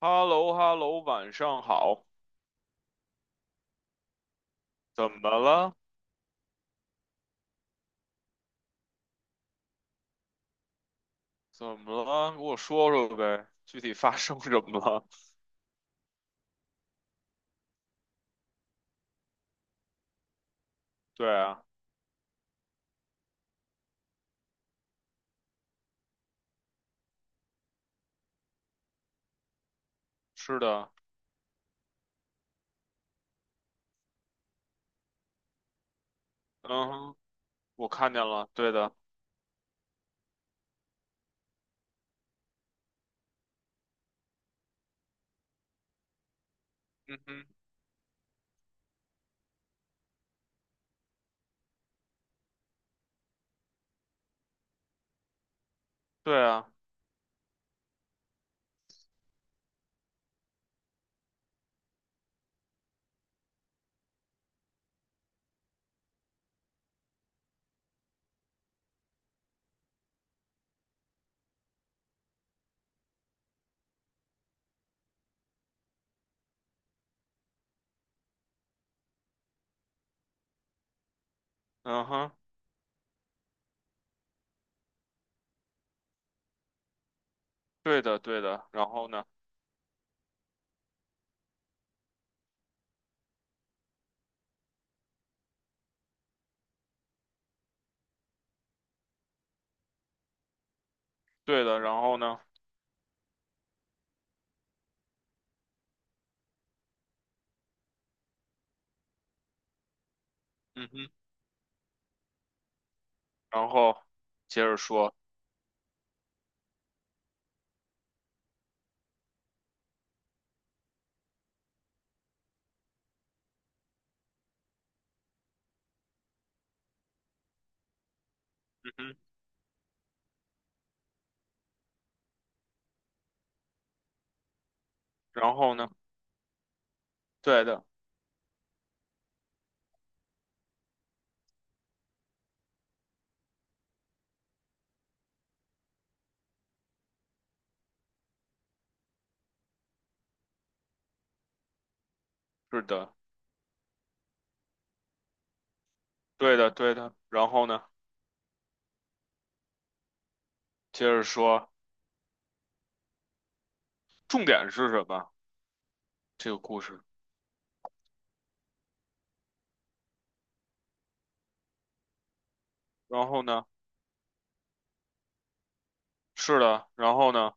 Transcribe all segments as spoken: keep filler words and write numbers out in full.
h e l l o h e l l o 晚上好。怎么了？怎么了？给我说说呗，具体发生什么了？对啊，是的，嗯哼，我看见了，对的，嗯哼，对啊，嗯哼，对的，对的。然后呢？对的，然后呢？嗯哼，然后接着说，嗯哼，然后呢？对的，是的，对的，对的。然后呢？接着说，重点是什么？这个故事。然后呢？是的，然后呢？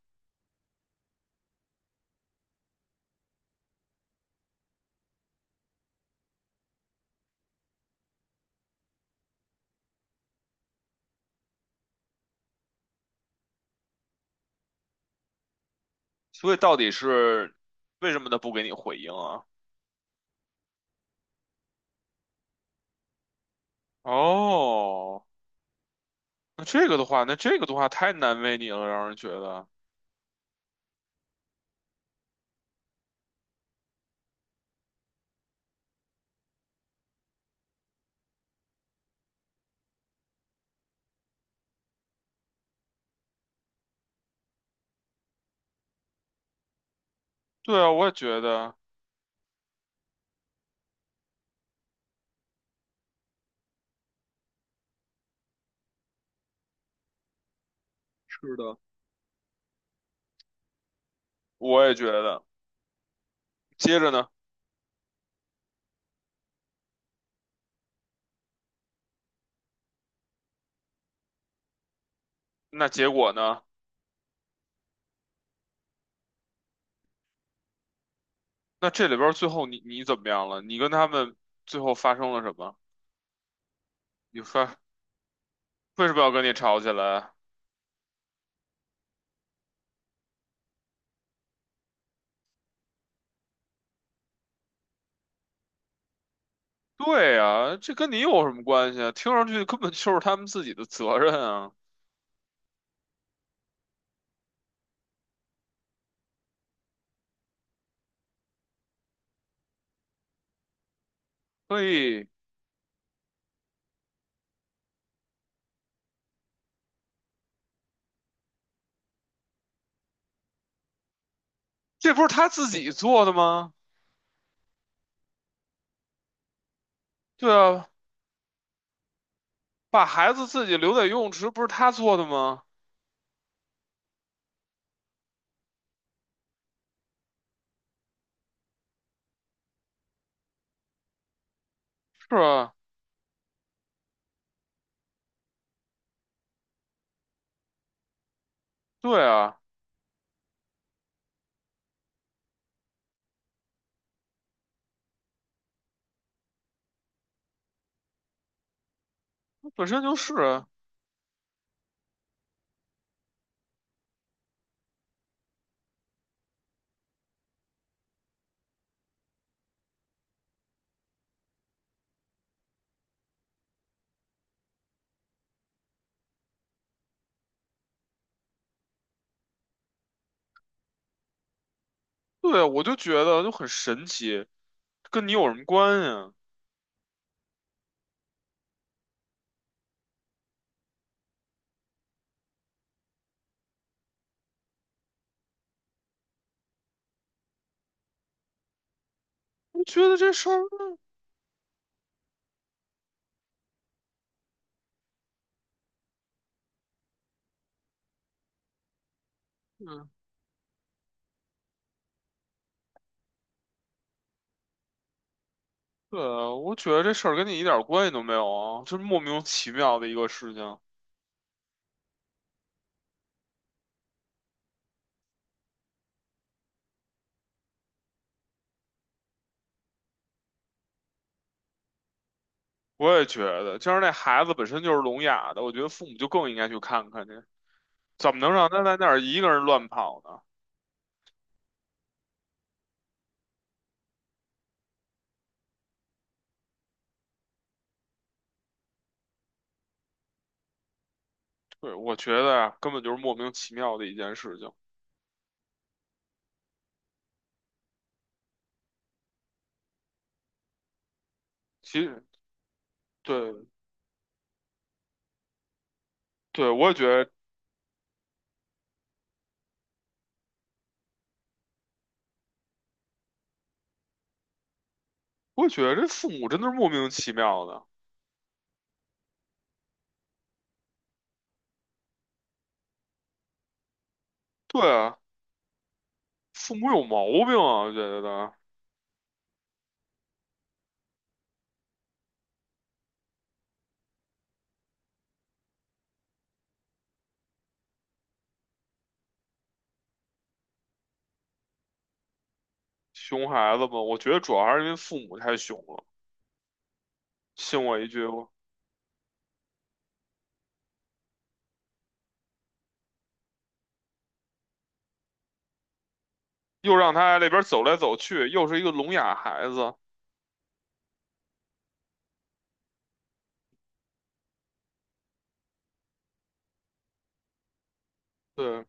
所以到底是为什么他不给你回应啊？哦，那这个的话，那这个的话太难为你了，让人觉得。对啊，我也觉得，是的。我也觉得。接着呢，那结果呢？那这里边儿最后你你怎么样了？你跟他们最后发生了什么？你说为什么要跟你吵起来？对啊，这跟你有什么关系啊？听上去根本就是他们自己的责任啊。所以这不是他自己做的吗？对啊，把孩子自己留在游泳池不是他做的吗？是啊，对啊，本身就是啊对啊我就觉得就很神奇，跟你有什么关系啊？我觉得这事儿，嗯，对啊，我觉得这事儿跟你一点关系都没有啊，就是莫名其妙的一个事情。我也觉得，就是那孩子本身就是聋哑的，我觉得父母就更应该去看看去，怎么能让他在那儿一个人乱跑呢？对，我觉得啊，根本就是莫名其妙的一件事情。其实，对对，我也觉得我也觉得这父母真的是莫名其妙的。对啊，父母有毛病啊，我觉得熊孩子嘛，我觉得主要还是因为父母太熊了。信我一句吧，又让他在那边走来走去，又是一个聋哑孩子。对，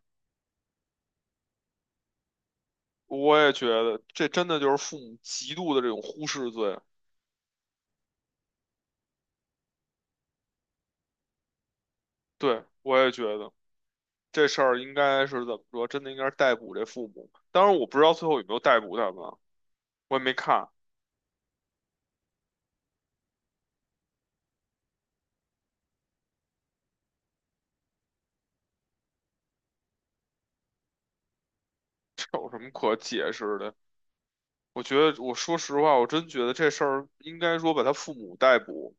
我也觉得这真的就是父母极度的这种忽视罪。对，我也觉得这事儿应该是怎么说，真的应该是逮捕这父母。当然，我不知道最后有没有逮捕他们啊我也没看，这有什么可解释的？我觉得，我说实话，我真觉得这事儿应该说把他父母逮捕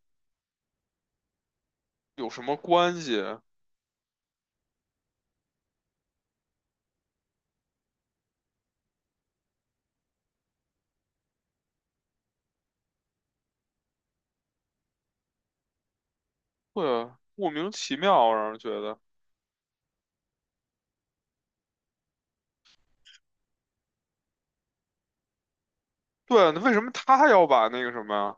有什么关系？对啊，莫名其妙让人觉得。对啊，那为什么他要把那个什么呀？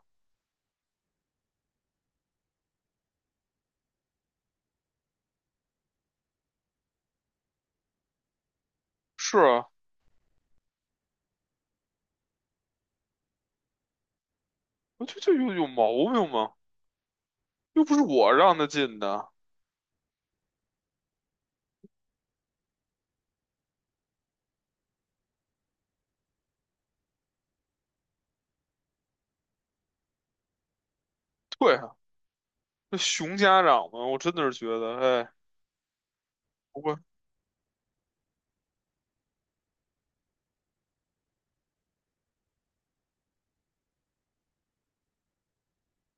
是啊，我觉得这有有毛病吗？又不是我让他进的。对啊，这熊家长嘛，我真的是觉得，哎，我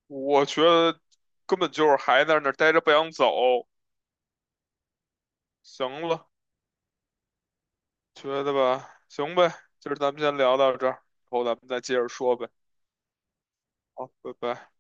我觉得根本就是还在那儿待着不想走。行了，觉得吧，行呗，今儿咱们先聊到这儿，以后咱们再接着说呗。好，拜拜。